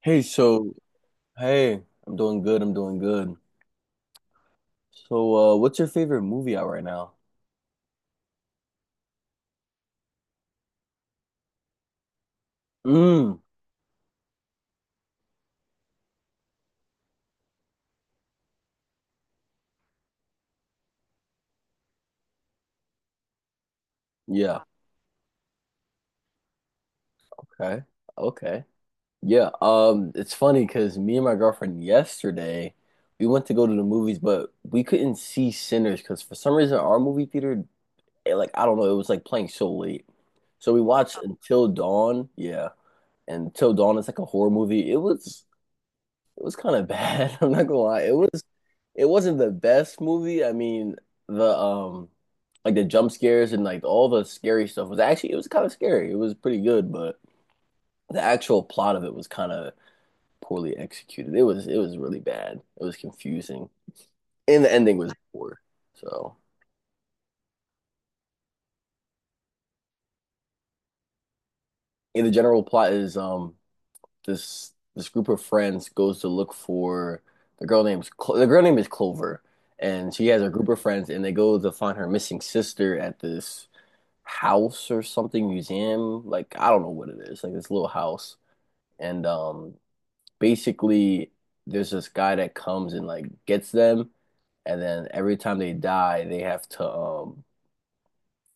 Hey, so hey, I'm doing good. I'm doing good. So, what's your favorite movie out right now? Mm, yeah. Okay. Okay. Yeah. It's funny because me and my girlfriend yesterday, we went to go to the movies, but we couldn't see Sinners because for some reason our movie theater, like I don't know, it was like playing so late. So we watched Until Dawn. Yeah, and Until Dawn is like a horror movie. It was kind of bad. I'm not gonna lie. It wasn't the best movie. I mean, the like the jump scares and like all the scary stuff was actually it was kind of scary. It was pretty good, but the actual plot of it was kind of poorly executed. It was really bad. It was confusing. And the ending was poor. So, and the general plot is this group of friends goes to look for the girl name is Clover, and she has a group of friends, and they go to find her missing sister at this house or something museum. Like I don't know what it is, like this little house, and basically there's this guy that comes and like gets them, and then every time they die, they have to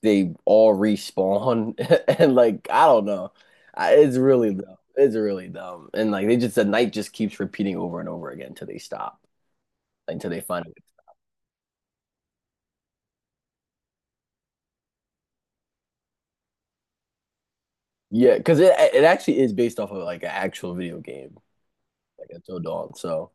they all respawn. And like I don't know. It's really dumb. It's really dumb. And like they just the night just keeps repeating over and over again until they stop, until they find it. Yeah, because it actually is based off of like an actual video game, like Until Dawn. So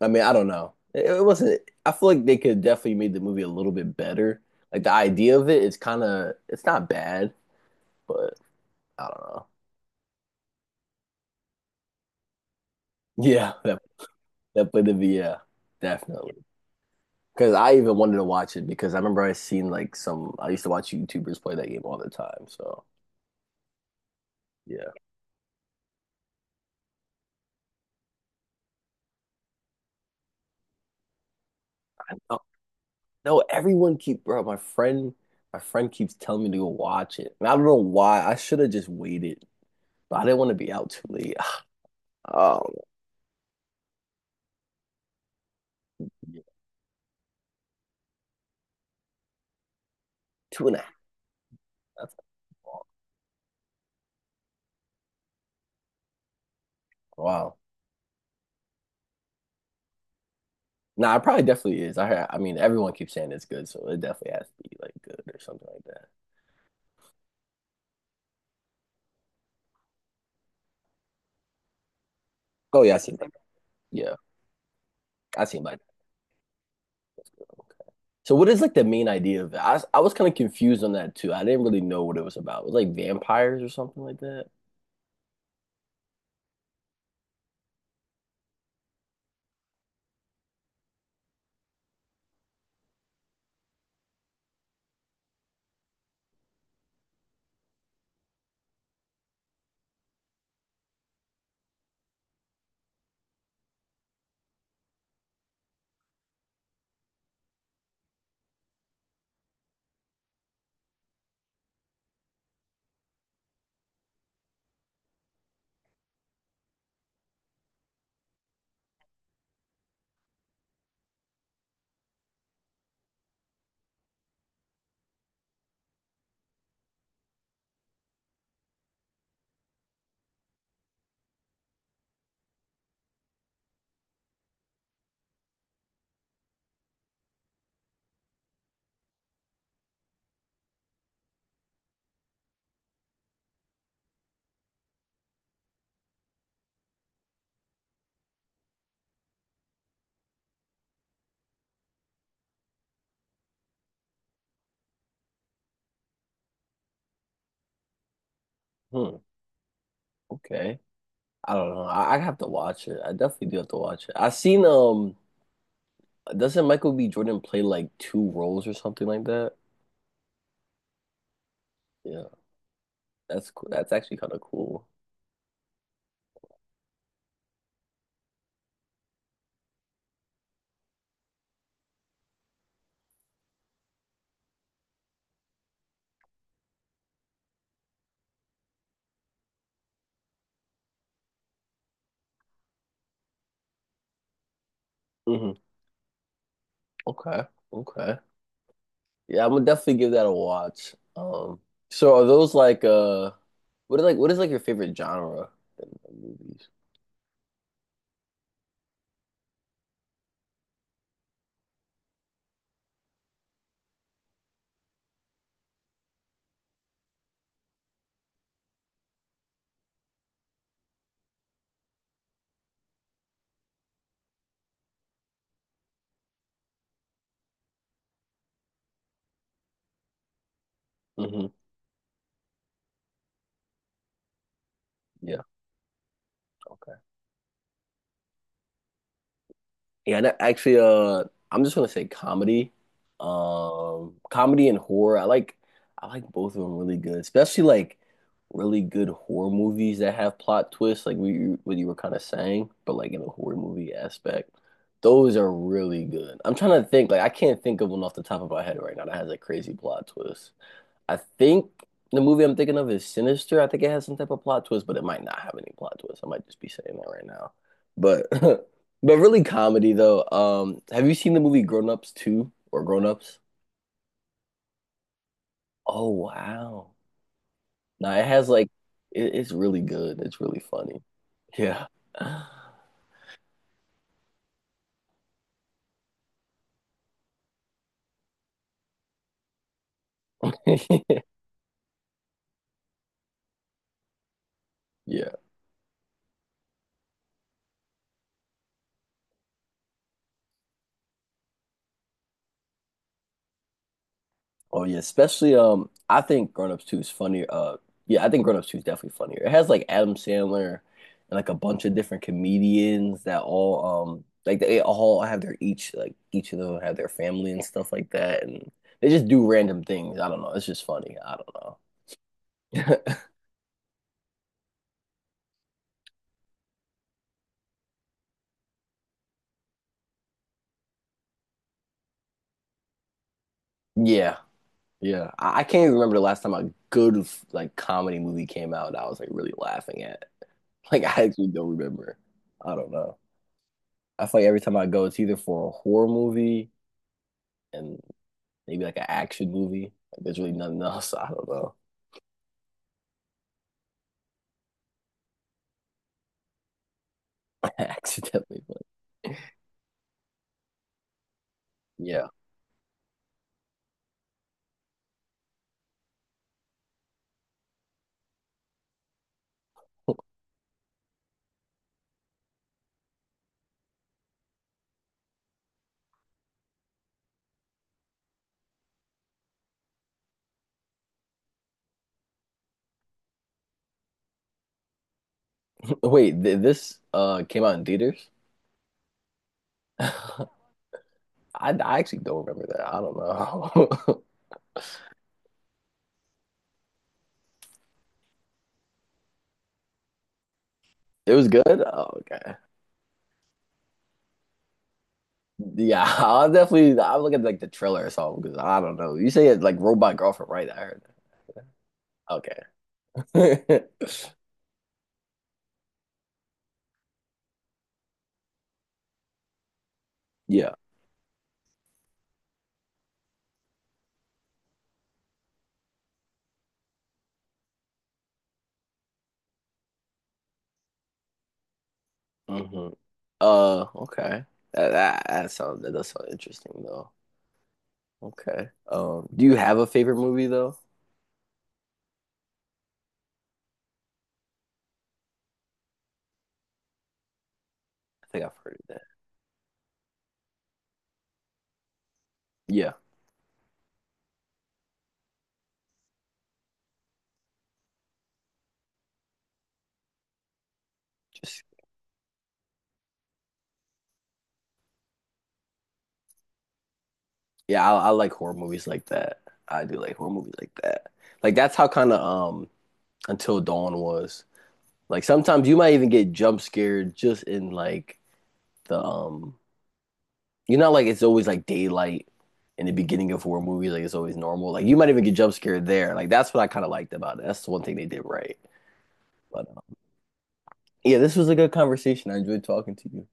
I mean, I don't know. It wasn't. I feel like they could definitely made the movie a little bit better. Like the idea of it is kind of it's not bad, but I don't know. Yeah, that played the V. Yeah, definitely. Because I even wanted to watch it because I remember I seen like some. I used to watch YouTubers play that game all the time. So yeah, I know. No, everyone keep bro. My friend keeps telling me to go watch it, and I don't know why. I should have just waited, but I didn't want to be out too late. Oh, yeah. Two and a half. That's long. Wow. Nah, it probably definitely is. I mean, everyone keeps saying it's good, so it definitely has to be like good or something like that. Oh yeah, I seen. Yeah, I seen. Black. So what is like the main idea of it? I was kind of confused on that too. I didn't really know what it was about. It was like vampires or something like that. Hmm. Okay. I don't know. I have to watch it. I definitely do have to watch it. I seen doesn't Michael B. Jordan play like two roles or something like that? Yeah. That's cool. That's actually kind of cool. hmm Okay. Okay. Yeah, I'm gonna definitely give that a watch. So are those like what is like your favorite genre in movies? hmm Yeah. Okay. Yeah, and actually, I'm just gonna say comedy, comedy and horror. I like both of them really good, especially like really good horror movies that have plot twists, like we what you were kind of saying, but like in a horror movie aspect, those are really good. I'm trying to think, like I can't think of one off the top of my head right now that has a crazy plot twist. I think the movie I'm thinking of is Sinister. I think it has some type of plot twist, but it might not have any plot twist. I might just be saying that right now. But but really comedy though. Have you seen the movie Grown Ups 2 or Grown Ups? Oh wow. Now it has like it's really good. It's really funny. Yeah. Yeah. Oh yeah, especially I think Grown Ups 2 is funnier. Yeah, I think Grown Ups 2 is definitely funnier. It has like Adam Sandler and like a bunch of different comedians that all like each of them have their family and stuff like that and they just do random things. I don't know. It's just funny. I don't know. Yeah. Yeah. I can't even remember the last time a good like comedy movie came out that I was like really laughing at. Like I actually don't remember. I don't know. I feel like every time I go, it's either for a horror movie and maybe like an action movie. Like there's really nothing else. I don't know. I Accidentally, but yeah. Wait, th this came out in theaters? I, I actually don't remember that. I don't know. It was good? Oh, okay. Yeah, I'll look at like the trailer or something because I don't know. You say it's like Robot Girlfriend, right? I heard that. Okay. Yeah. hmm okay. That that sounds that does sound interesting though. Okay. Do you have a favorite movie though? I think I've heard it. Yeah, just yeah. I like horror movies like that. I do like horror movies like that. Like that's how kind of Until Dawn was. Like sometimes you might even get jump scared just in like the. You know, like it's always like daylight in the beginning of horror movies. Like it's always normal. Like you might even get jump scared there. Like that's what I kind of liked about it. That's the one thing they did right. But yeah, this was a good conversation. I enjoyed talking to you.